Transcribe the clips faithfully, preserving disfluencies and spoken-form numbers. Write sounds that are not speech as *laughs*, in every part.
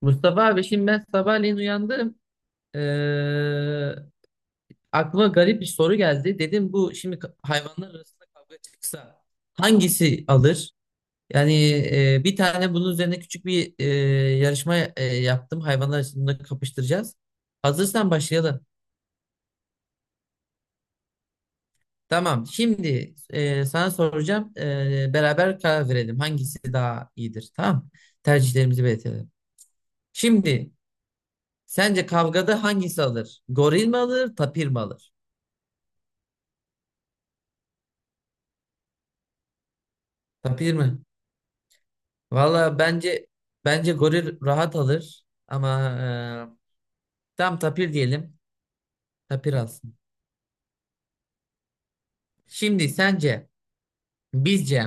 Mustafa abi şimdi ben sabahleyin uyandım. Ee, Aklıma garip bir soru geldi. Dedim bu şimdi k- hayvanlar arasında kavga çıksa hangisi alır? Yani e, bir tane bunun üzerine küçük bir e, yarışma e, yaptım. Hayvanlar arasında kapıştıracağız. Hazırsan başlayalım. Tamam. Şimdi e, sana soracağım. E, beraber karar verelim. Hangisi daha iyidir? Tamam. Tercihlerimizi belirtelim. Şimdi sence kavgada hangisi alır? Goril mi alır, tapir mi alır? Tapir mi? Valla bence bence goril rahat alır ama e, tam tapir diyelim. Tapir alsın. Şimdi sence bizce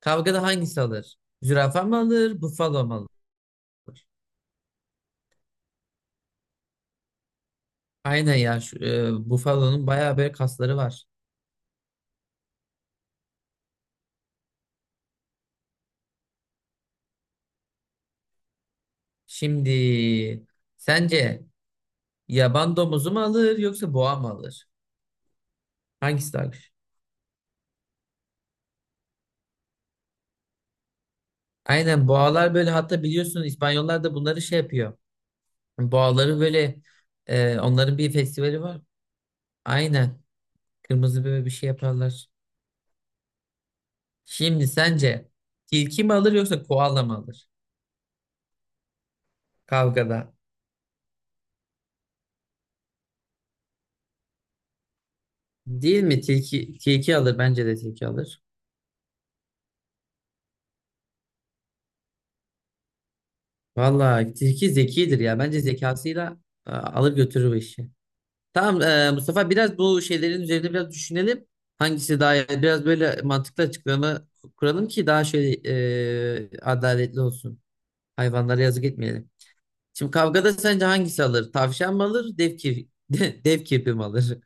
kavgada hangisi alır? Zürafa mı alır, bufalo mu alır? Aynen ya şu, e, bufalonun bayağı böyle kasları var. Şimdi sence yaban domuzu mu alır yoksa boğa mı alır? Hangisi daha güçlü? Aynen boğalar böyle hatta biliyorsun İspanyollar da bunları şey yapıyor. Boğaları böyle e, onların bir festivali var. Aynen. Kırmızı böyle bir şey yaparlar. Şimdi sence tilki mi alır yoksa koala mı alır kavgada? Değil mi? Tilki, tilki alır. Bence de tilki alır. Vallahi tilki zekidir ya. Bence zekasıyla e, alır götürür bu işi. Tamam e, Mustafa biraz bu şeylerin üzerinde biraz düşünelim. Hangisi daha iyi? Biraz böyle mantıklı açıklama kuralım ki daha şöyle e, adaletli olsun. Hayvanlara yazık etmeyelim. Şimdi kavgada sence hangisi alır? Tavşan mı alır? Dev kirpi, *laughs* dev kirpi mi alır?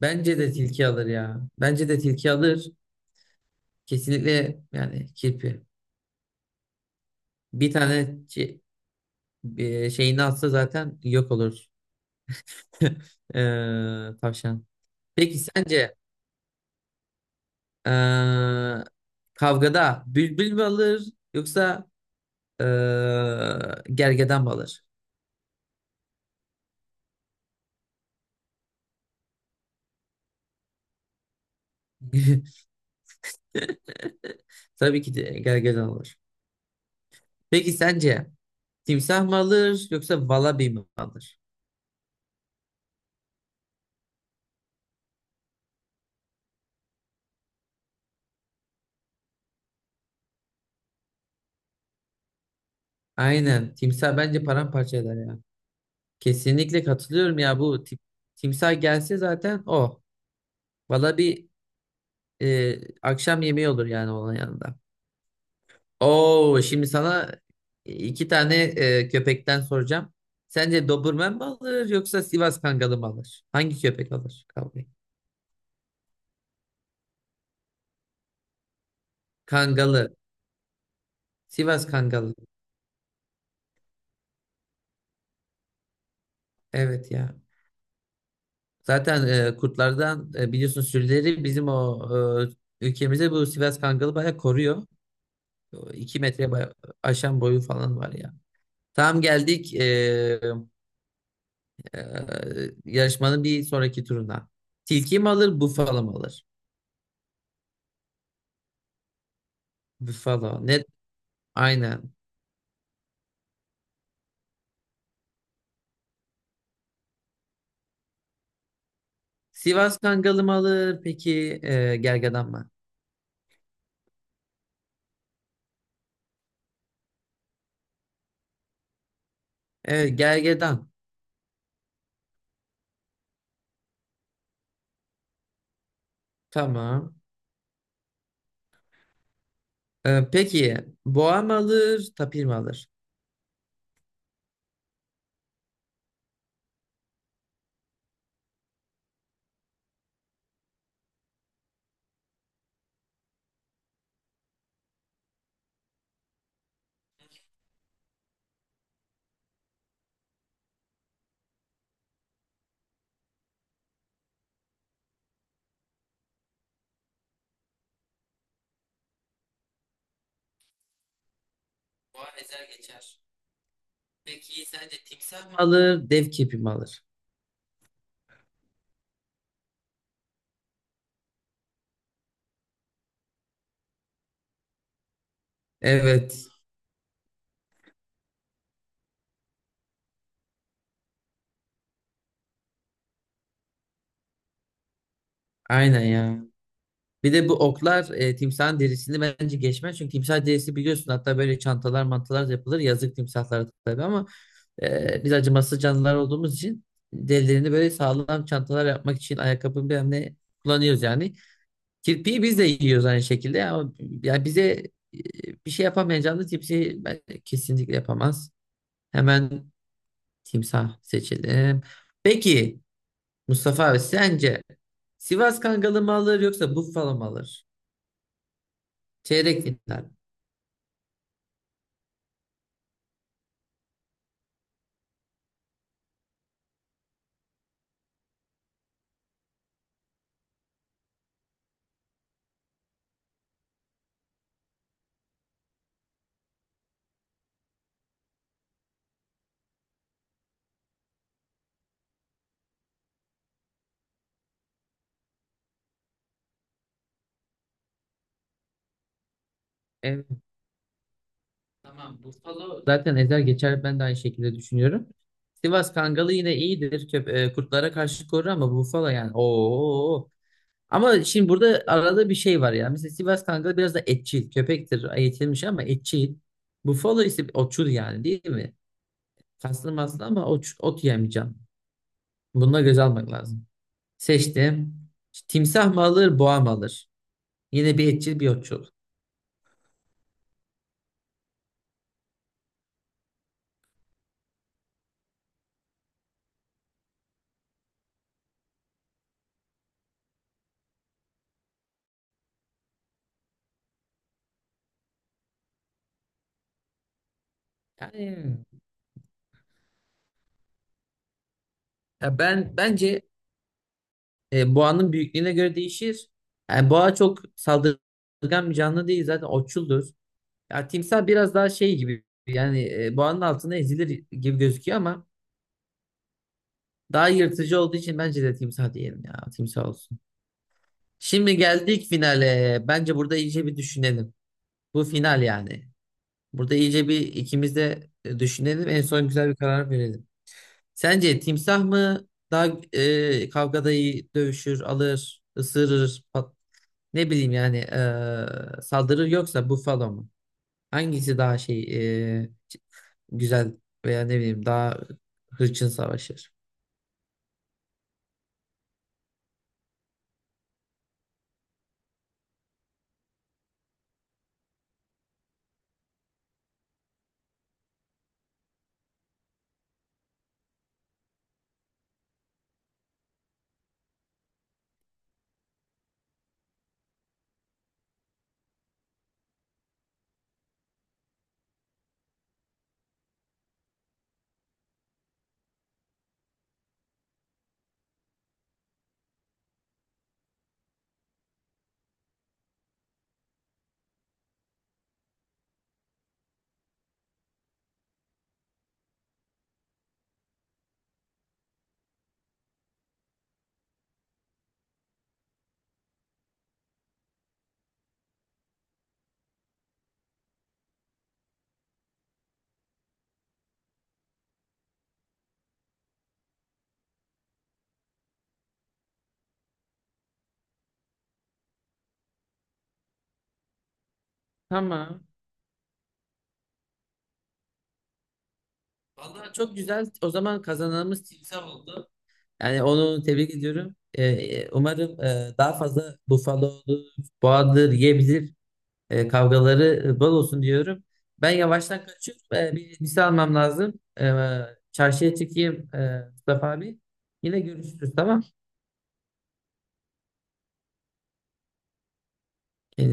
Bence de tilki alır ya. Bence de tilki alır. Kesinlikle yani kirpi. Bir tane çi- Bir şeyini atsa zaten yok olur. *laughs* Ee, tavşan. Peki sence ee, kavgada bülbül mü alır yoksa ee, gergedan mı alır? *laughs* Tabii ki de gergedan alır. Peki sence timsah mı alır yoksa valabi mi alır? Aynen. Timsah bence paramparça eder ya. Kesinlikle katılıyorum ya bu tip, timsah gelse zaten o. Valla bir e, akşam yemeği olur yani onun yanında. Oo, şimdi sana iki tane e, köpekten soracağım. Sence Doberman mı alır yoksa Sivas Kangalı mı alır? Hangi köpek alır kavgayı? Kangalı. Sivas Kangalı. Evet ya. Zaten e, kurtlardan e, biliyorsun sürüleri bizim o e, ülkemizde bu Sivas Kangalı bayağı koruyor. iki metre bayağı aşan boyu falan var ya. Tam geldik eee, eee, yarışmanın bir sonraki turuna. Tilki mi alır, bufalo mu alır? Bufalo. Net. Aynen. Sivas Kangalı mı alır? Peki eee, gergedan mı? Evet, gergedan. Tamam. Eee, peki boğa mı alır, tapir mi alır? Boğa ezer geçer. Peki sence timsah mı alır, dev kepi mi alır? Evet. Aynen ya. Bir de bu oklar e, timsahın derisini bence geçmez. Çünkü timsah derisi biliyorsun hatta böyle çantalar mantalar da yapılır. Yazık timsahlara tabii ama e, biz acımasız canlılar olduğumuz için derilerini böyle sağlam çantalar yapmak için ayakkabı bilmem ne kullanıyoruz yani. Kirpiği biz de yiyoruz aynı şekilde ama yani bize e, bir şey yapamayan canlı timsahı ben kesinlikle yapamaz. Hemen timsah seçelim. Peki Mustafa abi sence Sivas Kangalı mı alır yoksa Buffalo mu alır? Çeyrek final. Evet, tamam. Buffalo zaten ezer geçer. Ben de aynı şekilde düşünüyorum. Sivas Kangalı yine iyidir. Köp e, kurtlara karşı korur ama Buffalo yani. Oo. Ama şimdi burada arada bir şey var ya. Mesela Sivas Kangalı biraz da etçil. Köpektir. Eğitilmiş ama etçil. Buffalo ise otçul yani değil mi? Kaslı maslı ama oç- ot yemeyeceğim. Bununla göz almak lazım. Seçtim. Timsah mı alır, boğa mı alır? Yine bir etçil bir otçul. Yani ya ben bence E, boğanın büyüklüğüne göre değişir. Yani boğa çok saldırgan bir canlı değil zaten otçuldur. Ya timsah biraz daha şey gibi yani e, boğanın altına ezilir gibi gözüküyor ama daha yırtıcı olduğu için bence de timsah diyelim ya, timsah olsun. Şimdi geldik finale. Bence burada iyice bir düşünelim. Bu final yani. Burada iyice bir ikimiz de e, düşünelim. En son güzel bir karar verelim. Sence timsah mı daha e, kavgada iyi dövüşür, alır, ısırır, pat- ne bileyim yani eee, saldırı, yoksa Buffalo mu? Hangisi daha şey eee, c- güzel veya ne bileyim daha hırçın savaşır? Tamam. Vallahi çok güzel. O zaman kazananımız timsah oldu. Yani onu tebrik ediyorum. Eee, e, umarım eee, daha fazla Buffalo'lu boğadır yiyebilir. Eee, kavgaları bol olsun diyorum. Ben yavaştan kaçıyorum. Eee, bir misal almam lazım. Eee, çarşıya çıkayım eee Mustafa abi. Yine görüşürüz, tamam. Eee,